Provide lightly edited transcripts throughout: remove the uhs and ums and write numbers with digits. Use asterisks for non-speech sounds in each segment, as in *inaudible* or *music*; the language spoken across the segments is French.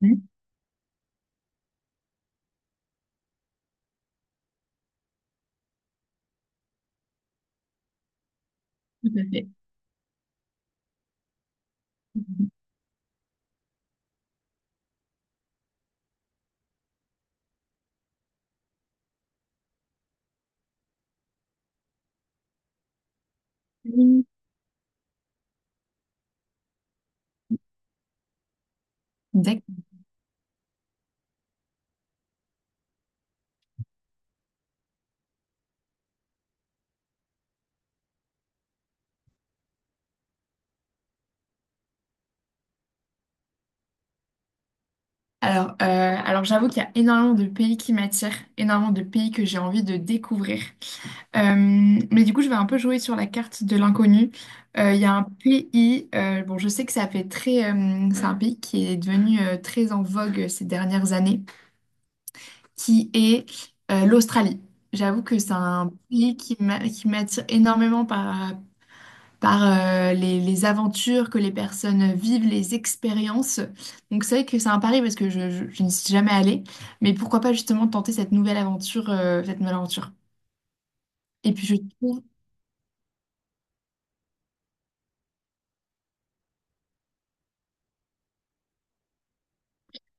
Mmh. Tout à fait. Mmh. D'accord. Alors, j'avoue qu'il y a énormément de pays qui m'attirent, énormément de pays que j'ai envie de découvrir. Euh, mais du coup, je vais un peu jouer sur la carte de l'inconnu. Il y a un pays, bon, je sais que ça fait très, c'est un pays qui est devenu très en vogue ces dernières années, qui est l'Australie. J'avoue que c'est un pays qui m'attire énormément par, par les aventures que les personnes vivent, les expériences. Donc c'est vrai que c'est un pari parce que je n'y suis jamais allée, mais pourquoi pas justement tenter cette nouvelle aventure, cette nouvelle aventure. Et puis je trouve,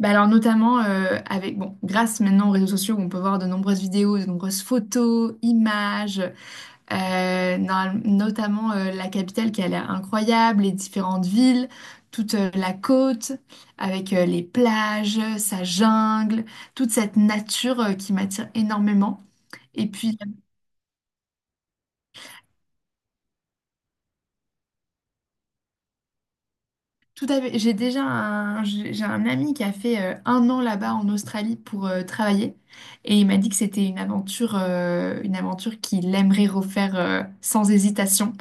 bah alors notamment avec, bon, grâce maintenant aux réseaux sociaux, on peut voir de nombreuses vidéos, de nombreuses photos, images. Notamment la capitale qui a l'air incroyable, les différentes villes, toute la côte, avec les plages, sa jungle, toute cette nature qui m'attire énormément. Et puis, j'ai un ami qui a fait un an là-bas en Australie pour travailler, et il m'a dit que c'était une aventure qu'il aimerait refaire sans hésitation.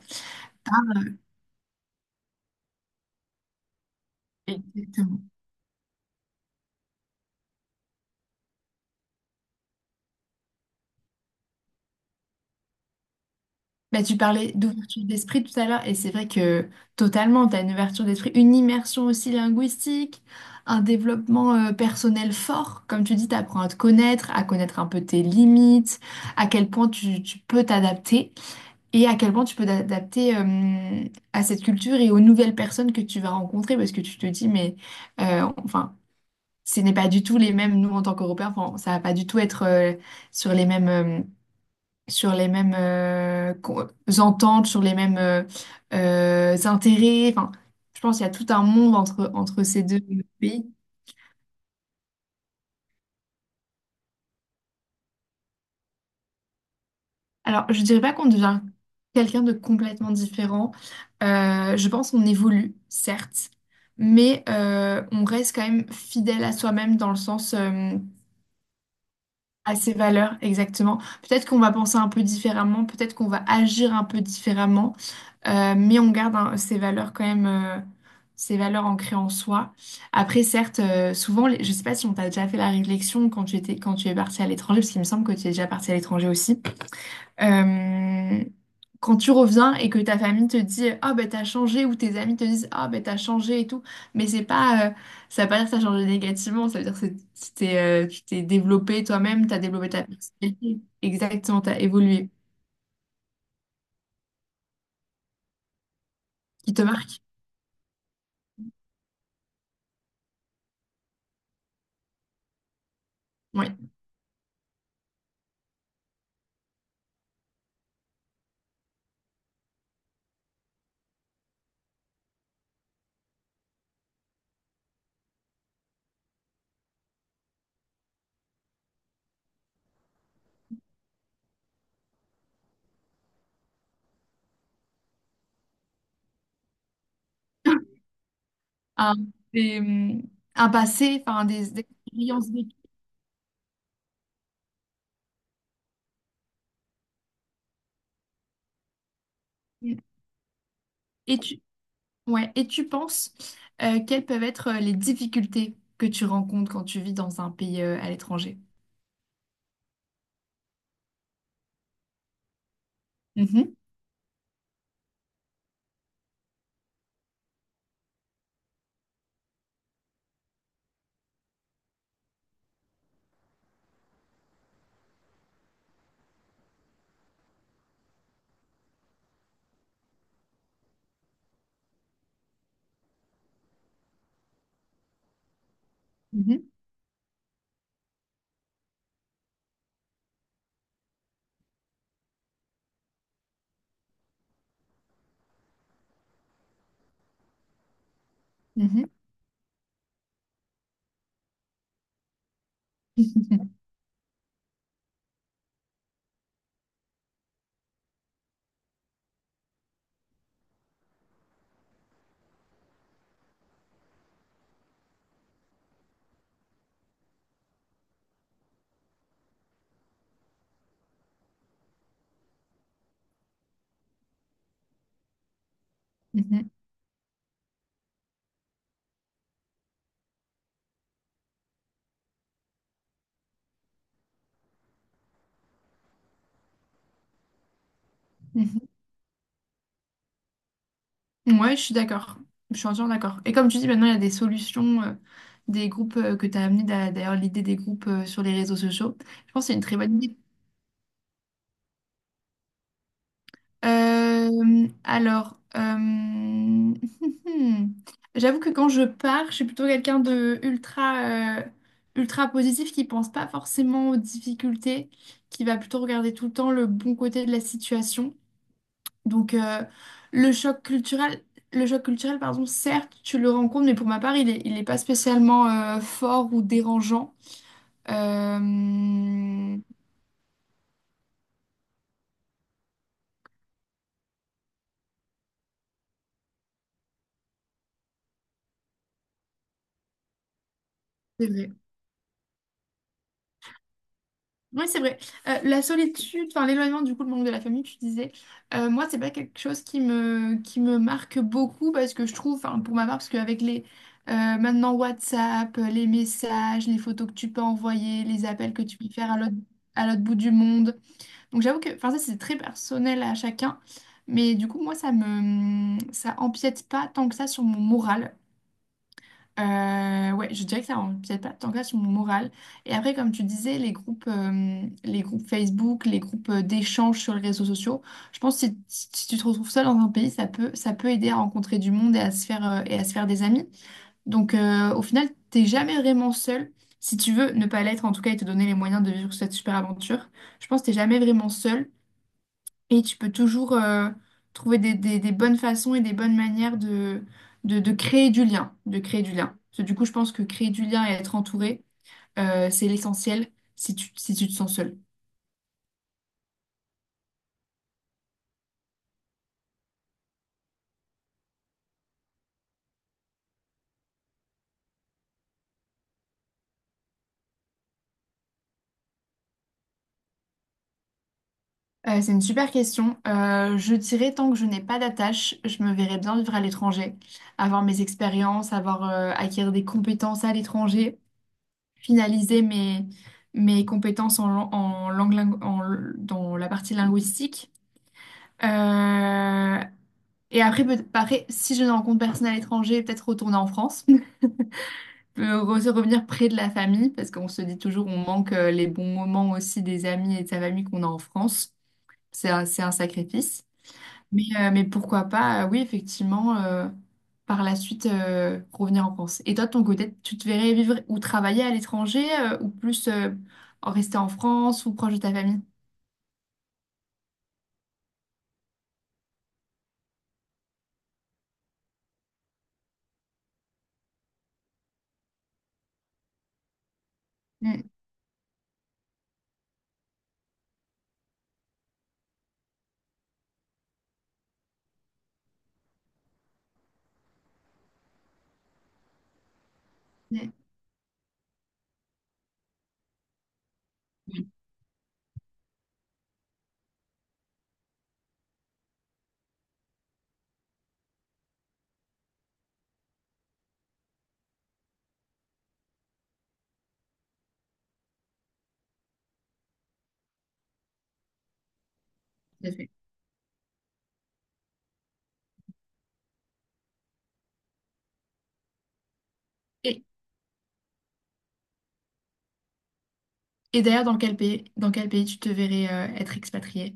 Exactement. Bah, tu parlais d'ouverture d'esprit tout à l'heure, et c'est vrai que totalement, tu as une ouverture d'esprit, une immersion aussi linguistique, un développement personnel fort. Comme tu dis, tu apprends à te connaître, à connaître un peu tes limites, à quel point tu peux t'adapter, et à quel point tu peux t'adapter à cette culture et aux nouvelles personnes que tu vas rencontrer, parce que tu te dis, mais euh, enfin, ce n'est pas du tout les mêmes, nous en tant qu'Européens, enfin, ça va pas du tout être sur les mêmes, sur les mêmes euh, co- ententes, sur les mêmes intérêts. Enfin, je pense qu'il y a tout un monde entre ces deux pays. Alors, je dirais pas qu'on devient quelqu'un de complètement différent. Je pense qu'on évolue, certes, mais on reste quand même fidèle à soi-même dans le sens... à ses valeurs, exactement. Peut-être qu'on va penser un peu différemment, peut-être qu'on va agir un peu différemment, mais on garde hein, ses valeurs quand même, ses valeurs ancrées en soi. Après, certes, souvent, je sais pas si on t'a déjà fait la réflexion quand tu es parti à l'étranger, parce qu'il me semble que tu es déjà parti à l'étranger aussi. Euh, Quand tu reviens et que ta famille te dit ah ben t'as changé ou tes amis te disent ah ben t'as changé et tout, mais c'est pas ça veut pas dire que t'as changé négativement, ça veut dire que tu t'es développé toi-même, t'as développé ta personnalité, exactement, t'as évolué qui te marque, ouais. *laughs* Un, des, un passé, enfin des expériences vécues. Et tu Ouais, et tu penses quelles peuvent être les difficultés que tu rencontres quand tu vis dans un pays à l'étranger? Mhm, mhm, mhm. Mhm. Mhm, mhm. Ouais, je suis d'accord. Je suis entièrement d'accord. Et comme tu dis, maintenant, il y a des solutions, des groupes que tu as amené d'a- d'ailleurs l'idée des groupes sur les réseaux sociaux. Je pense que c'est une très bonne idée. Euh, alors, euh, *laughs* j'avoue que quand je pars, je suis plutôt quelqu'un de ultra positif, qui pense pas forcément aux difficultés, qui va plutôt regarder tout le temps le bon côté de la situation. Donc le choc culturel, le choc culturel, pardon, certes, tu le rencontres, mais pour ma part, il est pas spécialement fort ou dérangeant. Euh, C'est vrai. Oui, c'est vrai. La solitude, enfin l'éloignement du coup, le manque de la famille, tu disais, moi, c'est pas quelque chose qui me marque beaucoup parce que je trouve, enfin pour ma part, parce qu'avec les euh, maintenant WhatsApp, les messages, les photos que tu peux envoyer, les appels que tu peux faire à l'autre bout du monde. Donc j'avoue que enfin ça c'est très personnel à chacun, mais du coup moi ça empiète pas tant que ça sur mon moral. Ouais, je dirais que ça empiète pas tant que ça sur mon moral. Et après comme tu disais les groupes Facebook, les groupes d'échange sur les réseaux sociaux, je pense que si tu te retrouves seul dans un pays, ça peut aider à rencontrer du monde et à se faire et à se faire des amis. Donc au final, t'es jamais vraiment seul. Si tu veux ne pas l'être en tout cas et te donner les moyens de vivre cette super aventure, je pense que t'es jamais vraiment seul. Et tu peux toujours trouver des bonnes façons et des bonnes manières de créer de créer du lien. Parce que du coup, je pense que créer du lien et être entouré, c'est l'essentiel si tu te sens seul. C'est une super question. Je dirais tant que je n'ai pas d'attache, je me verrais bien vivre à l'étranger, avoir mes expériences, avoir acquérir des compétences à l'étranger, finaliser mes compétences en langue, lin- en- dans la partie linguistique. Euh, Et après, peut-être pareil, si je ne rencontre personne à l'étranger, peut-être retourner en France. *laughs* Se revenir près de la famille, parce qu'on se dit toujours on manque les bons moments aussi des amis et de sa famille qu'on a en France. C'est un sacrifice. Mais pourquoi pas, oui, effectivement, par la suite, revenir en France. Et toi, de ton côté, tu te verrais vivre ou travailler à l'étranger, ou plus en rester en France ou proche de ta famille? Mm, mm, oui, tout à fait. Et, et d'ailleurs, dans quel pays tu te verrais être expatrié?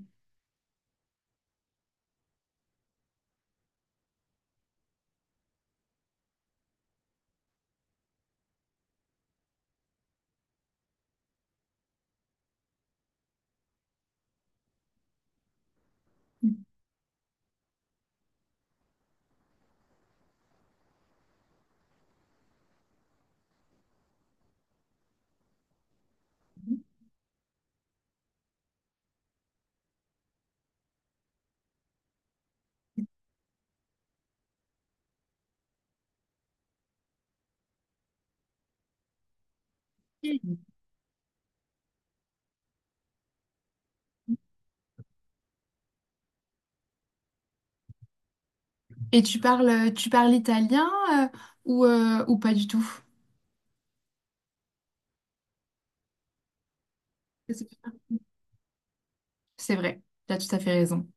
Et tu parles italien euh, ou pas du tout? C'est vrai, tu as tout à fait raison.